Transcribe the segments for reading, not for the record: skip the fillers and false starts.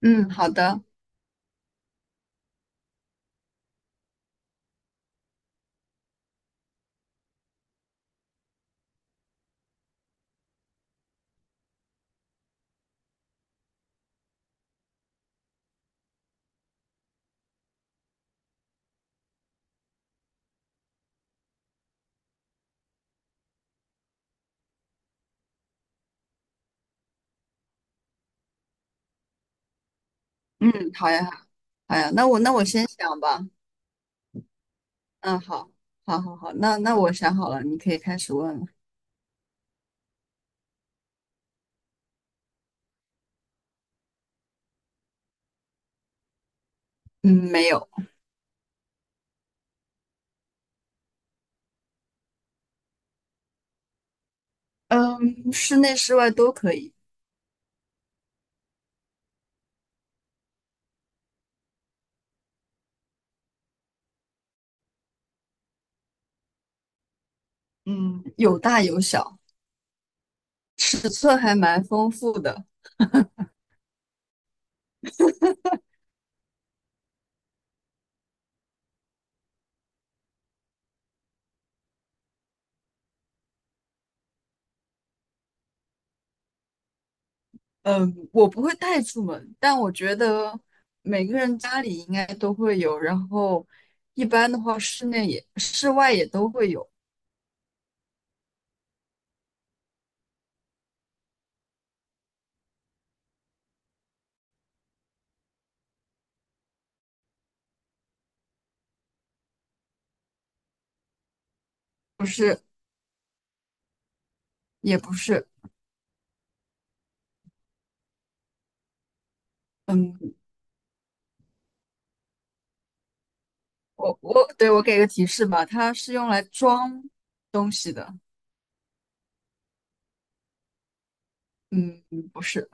嗯，好的。嗯，好呀，好呀，那我先想吧。嗯，好，好，好，好，那那我想好了，你可以开始问了。嗯，没有。嗯，室内室外都可以。嗯，有大有小，尺寸还蛮丰富的。嗯，我不会带出门，但我觉得每个人家里应该都会有，然后一般的话室内也室外也都会有。不是也不是。嗯，我给个提示吧，它是用来装东西的。嗯，不是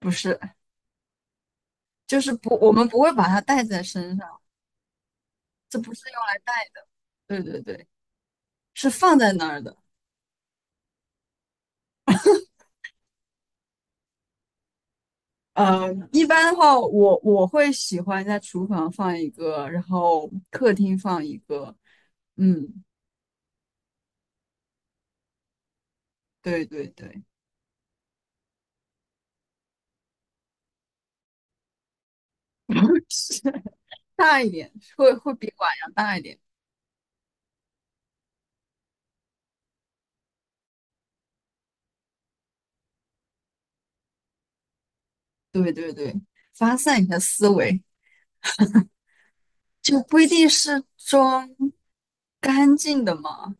不是，就是不，我们不会把它带在身上，这不是用来带。对对对，是放在那儿的。呃，一般的话，我会喜欢在厨房放一个，然后客厅放一个。嗯，对对对。是大一点，会比碗要大一点。对对对，发散一下思维，就不一定是装干净的嘛。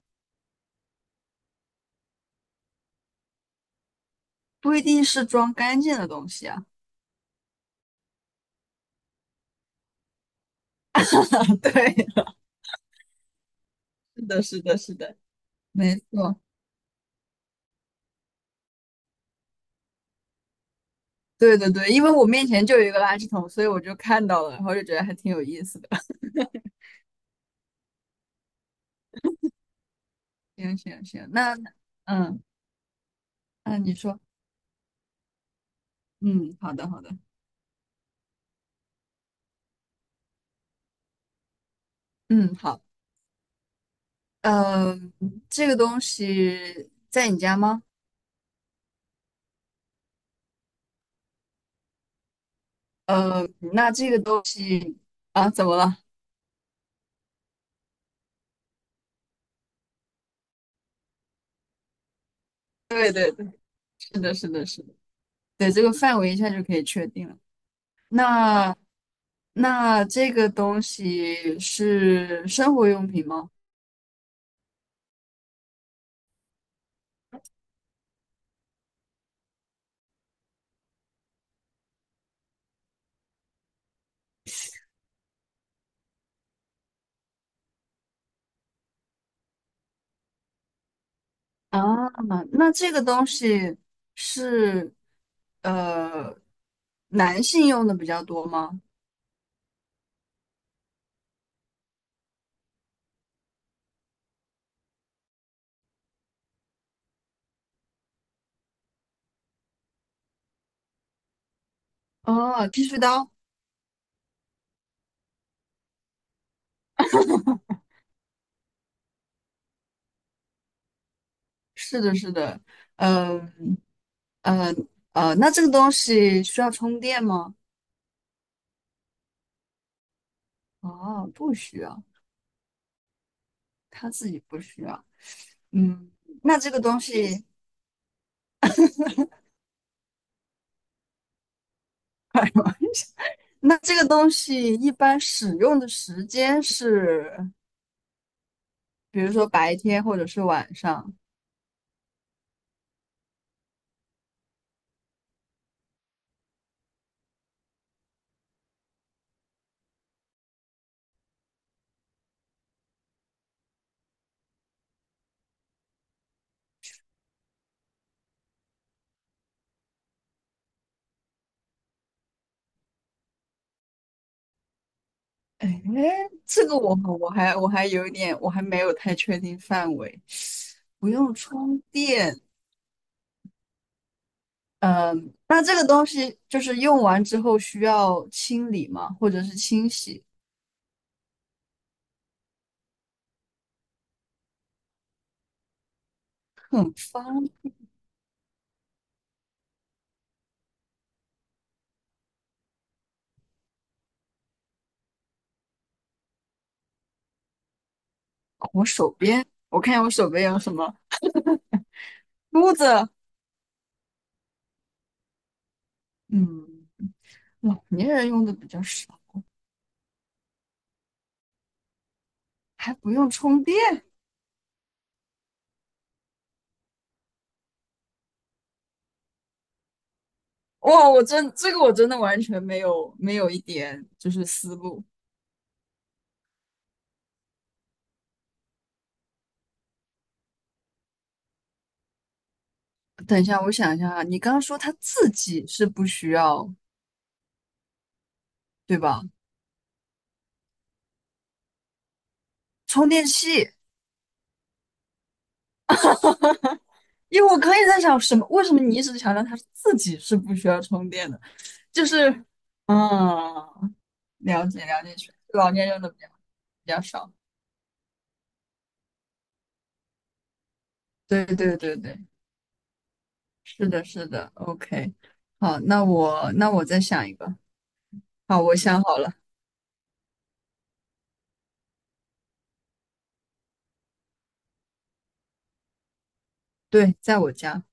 不一定是装干净的东西啊。对，是的，是的，是的。没错，对对对，因为我面前就有一个垃圾桶，所以我就看到了，然后就觉得还挺有意思的。行行行，那嗯那你说，嗯，好的好的，嗯好。呃，这个东西在你家吗？呃，那这个东西啊，怎么了？对对对，是的是的是的，对，这个范围一下就可以确定了。那那这个东西是生活用品吗？啊，那这个东西是呃男性用的比较多吗？哦，剃须刀。是的，是的。嗯那这个东西需要充电吗？哦，不需要，他自己不需要。嗯，那这个东西，那这个东西一般使用的时间是比如说白天或者是晚上。哎，这个我还有一点，我还没有太确定范围。不用充电。嗯，那这个东西就是用完之后需要清理吗？或者是清洗？很方便。我手边，我看我手边有什么梳子。嗯，老年人用的比较少，还不用充电。哇，我真的完全没有一点就是思路。等一下，我想一下啊，你刚刚说他自己是不需要，对吧？充电器。因为我可以在想什么，为什么你一直强调他自己是不需要充电的？就是。嗯，了解了解，确实老年用的比较少。对对对对，是的，是的，OK。好，那我那我再想一个。好，我想好了。对，在我家。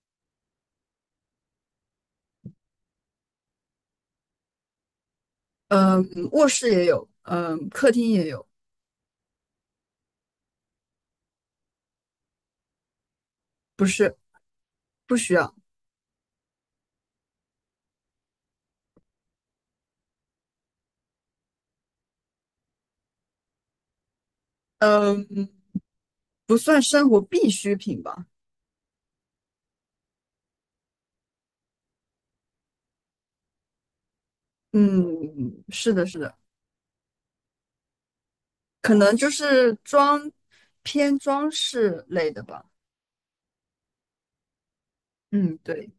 嗯，卧室也有，嗯，客厅也有。不是，不需要。嗯，不算生活必需品吧。嗯，是的，是的。可能就是装偏装饰类的吧。嗯，对，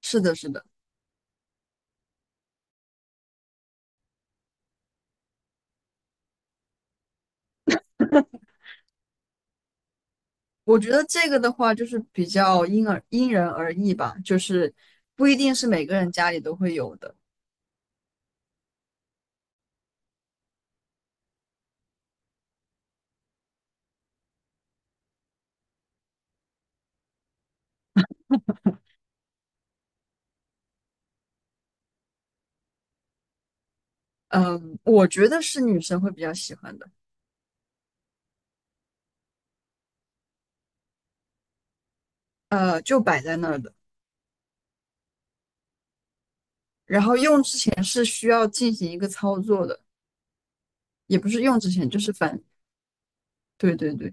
是的，是的。我觉得这个的话，就是比较因人而异吧，就是不一定是每个人家里都会有的。嗯，我觉得是女生会比较喜欢的。呃，就摆在那儿的。然后用之前是需要进行一个操作的。也不是用之前，就是反，对对对。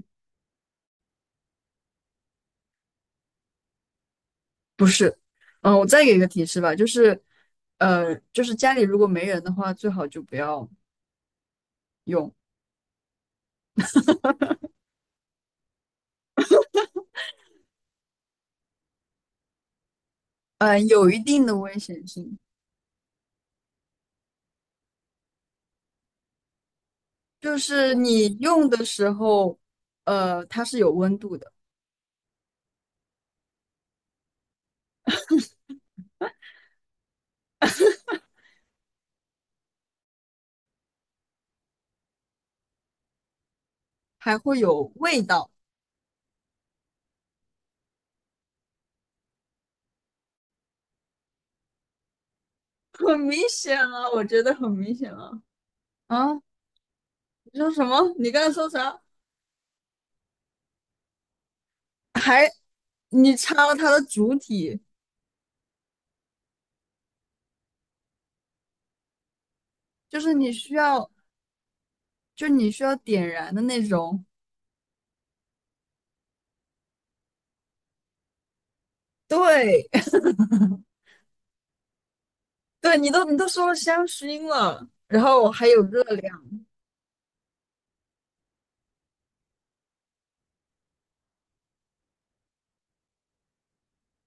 不是。嗯，我再给一个提示吧，就是，呃，就是家里如果没人的话，最好就不要用。呃，有一定的危险性，就是你用的时候，呃，它是有温度的，还会有味道。很明显啊，我觉得很明显啊。啊，你说什么？你刚才说啥？你插了它的主体，就是你需要，你需要点燃的那种。对。对，你都说了香薰了，然后还有热量。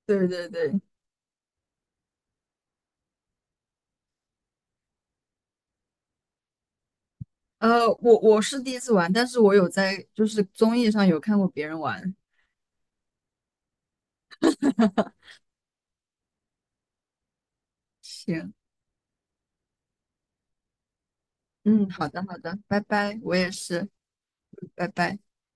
对对对。呃，我是第一次玩，但是我有在就是综艺上有看过别人玩。行。嗯，好的好的，拜拜，我也是，拜拜。